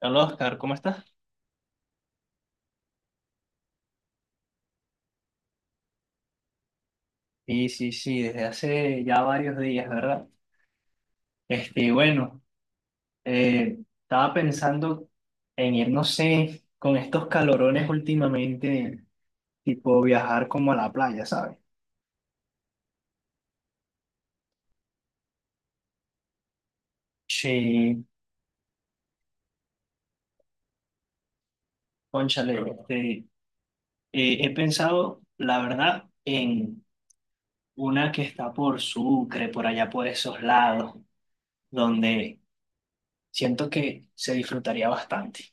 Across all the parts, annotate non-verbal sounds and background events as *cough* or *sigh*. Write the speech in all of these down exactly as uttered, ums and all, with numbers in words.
Hola Oscar, ¿cómo estás? Sí, sí, sí, desde hace ya varios días, ¿verdad? Este, bueno, eh, estaba pensando en ir, no sé, con estos calorones últimamente, tipo viajar como a la playa, ¿sabes? Sí, cónchale, este, eh, he pensado, la verdad, en una que está por Sucre, por allá por esos lados, donde siento que se disfrutaría bastante.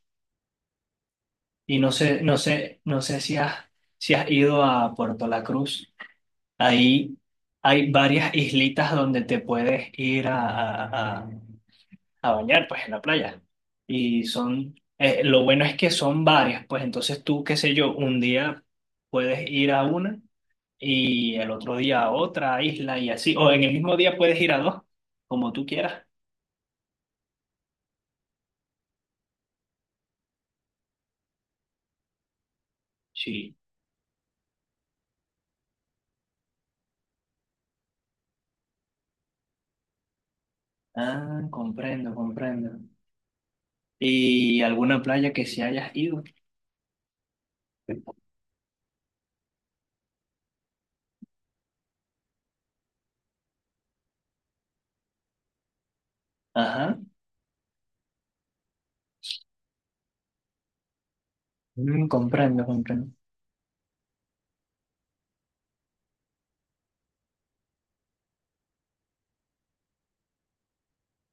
Y no sé, no sé, no sé si has, si has ido a Puerto La Cruz. Ahí hay varias islitas donde te puedes ir a, a- a- a bañar, pues, en la playa. Y son, eh, lo bueno es que son varias, pues, entonces tú, qué sé yo, un día puedes ir a una y el otro día a otra isla y así. O en el mismo día puedes ir a dos, como tú quieras. Sí. Ah, comprendo, comprendo. ¿Y alguna playa que se hayas ido? Ajá. Mm, comprendo, comprendo.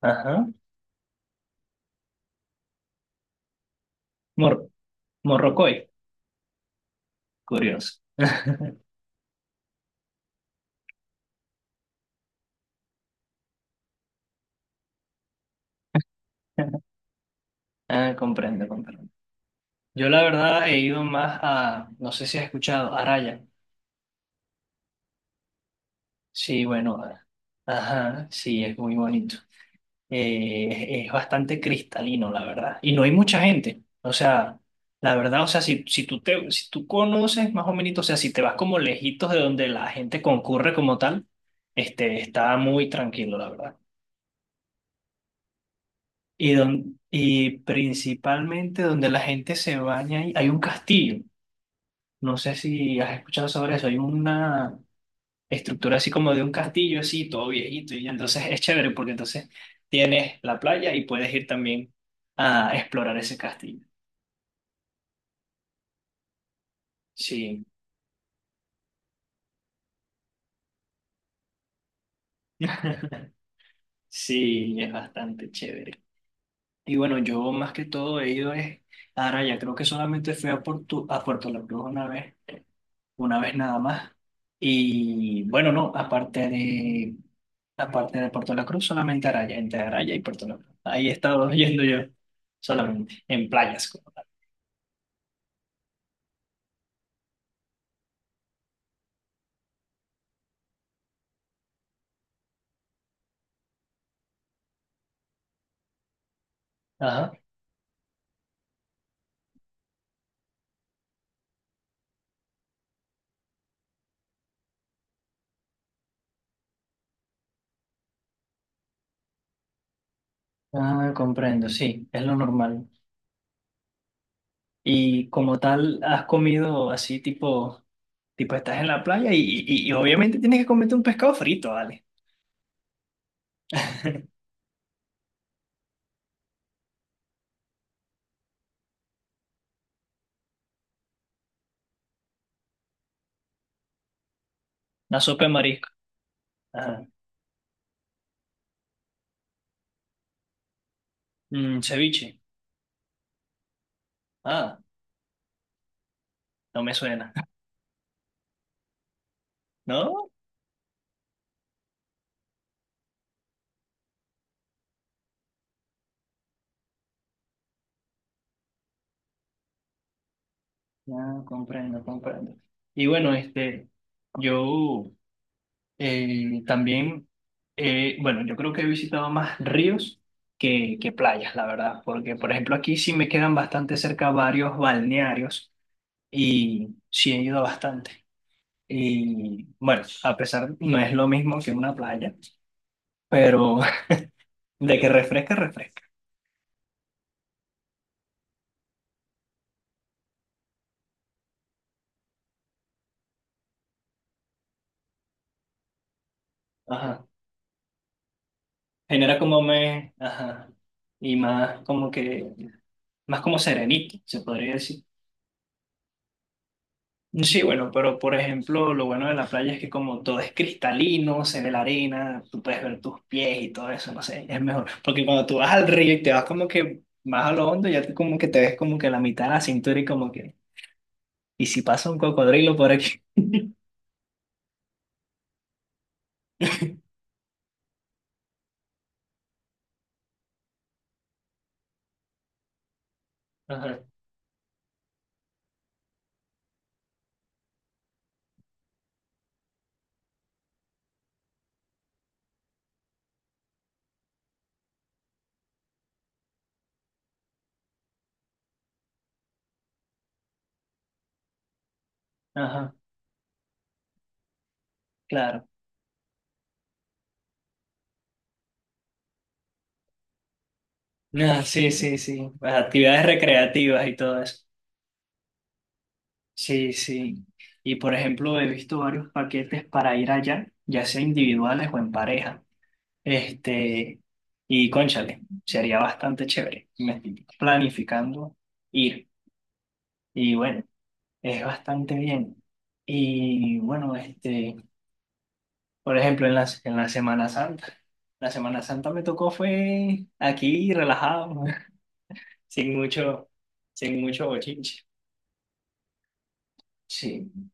Ajá. Mor- Morrocoy, curioso. *laughs* Ah, comprendo, comprendo. Yo la verdad he ido más a, no sé si has escuchado, Araya. Sí, bueno, a- ajá, sí, es muy bonito. Eh, es bastante cristalino, la verdad. Y no hay mucha gente. O sea, la verdad, o sea, si, si tú te, si tú conoces más o menos, o sea, si te vas como lejitos de donde la gente concurre como tal, este, está muy tranquilo, la verdad. Y, don- y principalmente donde la gente se baña, y hay un castillo. No sé si has escuchado sobre eso. Hay una estructura así como de un castillo, así, todo viejito. Y entonces es chévere porque entonces tienes la playa y puedes ir también a explorar ese castillo. Sí, *laughs* sí, es bastante chévere. Y bueno, yo más que todo he ido es, ahora ya creo que solamente fui a Puerto, a Puerto La Cruz una vez una vez nada más. Y bueno, no, aparte de, aparte de Puerto La Cruz, solamente Araya, entre Araya y Puerto La Cruz. Ahí he estado *laughs* yendo yo, solamente, en playas como tal. Ajá. Ah, comprendo, sí, es lo normal. Y como tal, has comido así tipo, tipo estás en la playa y, y- y obviamente tienes que comerte un pescado frito, ¿vale? Una sopa de marisco. Ajá. Mm, ceviche. Ah, no me suena. *laughs* ¿No? Ya, comprendo, comprendo. Y bueno, este, yo eh, también, eh, bueno, yo creo que he visitado más ríos que, que playas, la verdad, porque por ejemplo aquí sí me quedan bastante cerca varios balnearios y sí he ido bastante. Y bueno, a pesar no es lo mismo que una playa, pero *laughs* de que refresca, refresca. Ajá. Genera como me, ajá, y más como que, más como serenito, se podría decir. Sí, bueno, pero por ejemplo, lo bueno de la playa es que como todo es cristalino, se ve la arena, tú puedes ver tus pies y todo eso, no sé, es mejor. Porque cuando tú vas al río y te vas como que más a lo hondo, ya tú como que te ves como que la mitad de la cintura y como que, ¿y si pasa un cocodrilo por aquí? *laughs* Ajá, ajá, claro. Ah, sí, sí, sí, las actividades recreativas y todo eso. Sí, sí. Y por ejemplo, he visto varios paquetes para ir allá, ya sea individuales o en pareja. Este, y cónchale, sería bastante chévere. Me estoy planificando ir. Y bueno, es bastante bien. Y bueno, este, por ejemplo, en la, en la Semana Santa. La Semana Santa me tocó fue aquí, relajado, *laughs* sin mucho, sin mucho bochinche. Sí.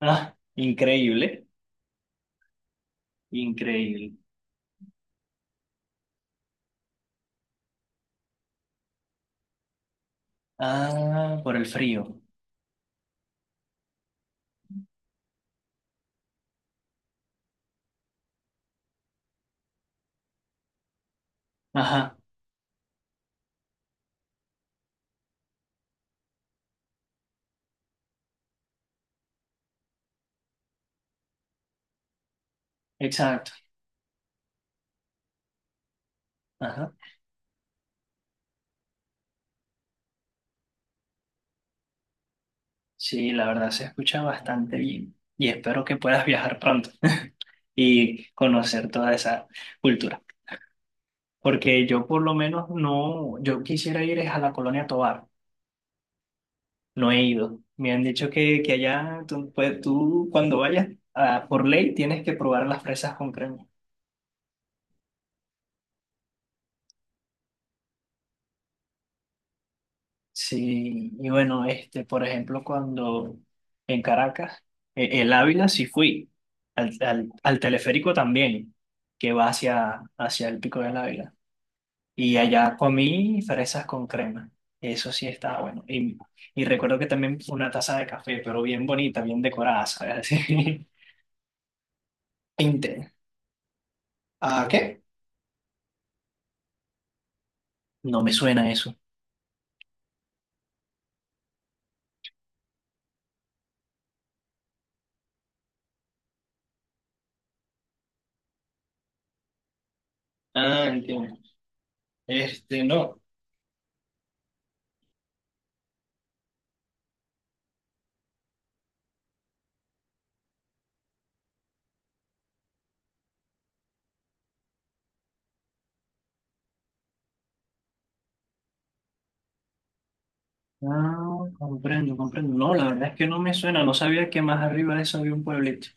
Ah, increíble, increíble. Ah, por el frío. Ajá, exacto. Ajá. Sí, la verdad se escucha bastante bien y espero que puedas viajar pronto *laughs* y conocer toda esa cultura, porque yo por lo menos no, yo quisiera ir es a la Colonia Tovar, no he ido. Me han dicho que, que allá tú, pues, tú cuando vayas ah, por ley tienes que probar las fresas con crema. Sí, y bueno, este, por ejemplo, cuando en Caracas, e- el Ávila sí fui, al, al, al teleférico también, que va hacia, hacia el Pico del Ávila. Y allá comí fresas con crema. Eso sí estaba bueno. Y, y recuerdo que también una taza de café, pero bien bonita, bien decorada, ¿sabes? *laughs* Así. Inte- ¿Ah, qué? No me suena eso. Ah, entiendo. Este, no. Ah, comprendo, comprendo. No, la verdad es que no me suena. No sabía que más arriba de eso había un pueblito.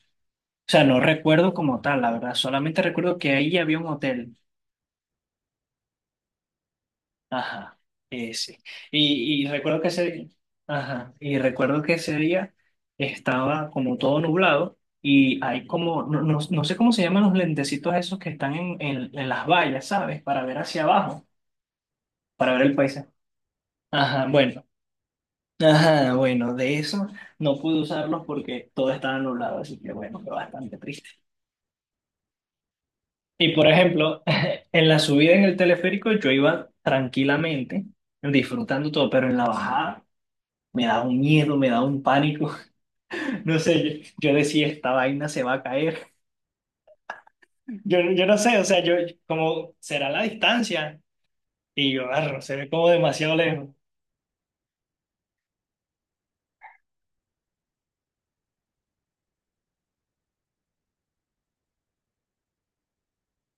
O sea, no recuerdo como tal, la verdad. Solamente recuerdo que ahí había un hotel. Ajá, eh, sí. Y, y recuerdo que ese, ajá, y recuerdo que ese día estaba como todo nublado y hay como, no, no, no sé cómo se llaman los lentecitos esos que están en, en, en las vallas, ¿sabes? Para ver hacia abajo, para ver el paisaje. Ajá, bueno. Ajá, bueno, de eso no pude usarlos porque todo estaba nublado, así que bueno, fue bastante triste. Y por ejemplo, *laughs* en la subida en el teleférico yo iba tranquilamente, disfrutando todo, pero en la bajada... me da un miedo, me da un pánico. *laughs* No sé, yo, yo decía, esta vaina se va a caer. Yo, yo no sé, o sea, yo, como, será la distancia. Y yo, "Arro, se ve como demasiado lejos.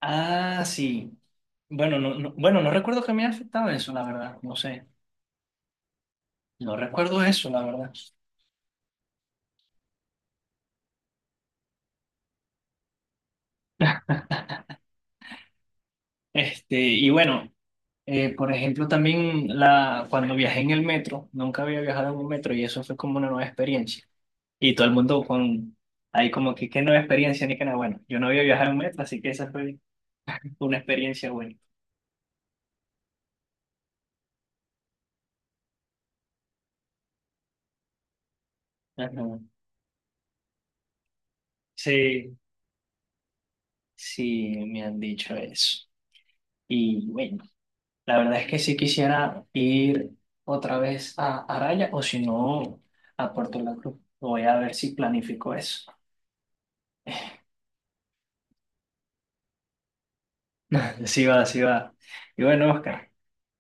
Ah, sí. Bueno, no, no- bueno, no recuerdo que me haya afectado eso, la verdad. No sé. No recuerdo eso, la verdad. Este, y bueno, eh, por ejemplo, también la, cuando viajé en el metro, nunca había viajado en un metro y eso fue como una nueva experiencia. Y todo el mundo con, ahí como que, qué nueva experiencia, ni que nada. Bueno, yo no había viajado en metro, así que esa fue una experiencia buena. Ajá. Sí, sí, me han dicho eso. Y bueno, la verdad es que sí quisiera ir otra vez a Araya o si no, a Puerto La Cruz. Voy a ver si planifico eso. Sí va, sí va. Y bueno, Oscar,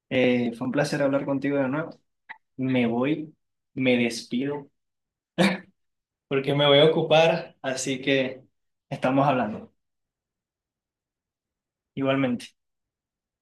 eh, fue un placer hablar contigo de nuevo. Me voy, me despido porque me voy a ocupar, así que estamos hablando. Igualmente.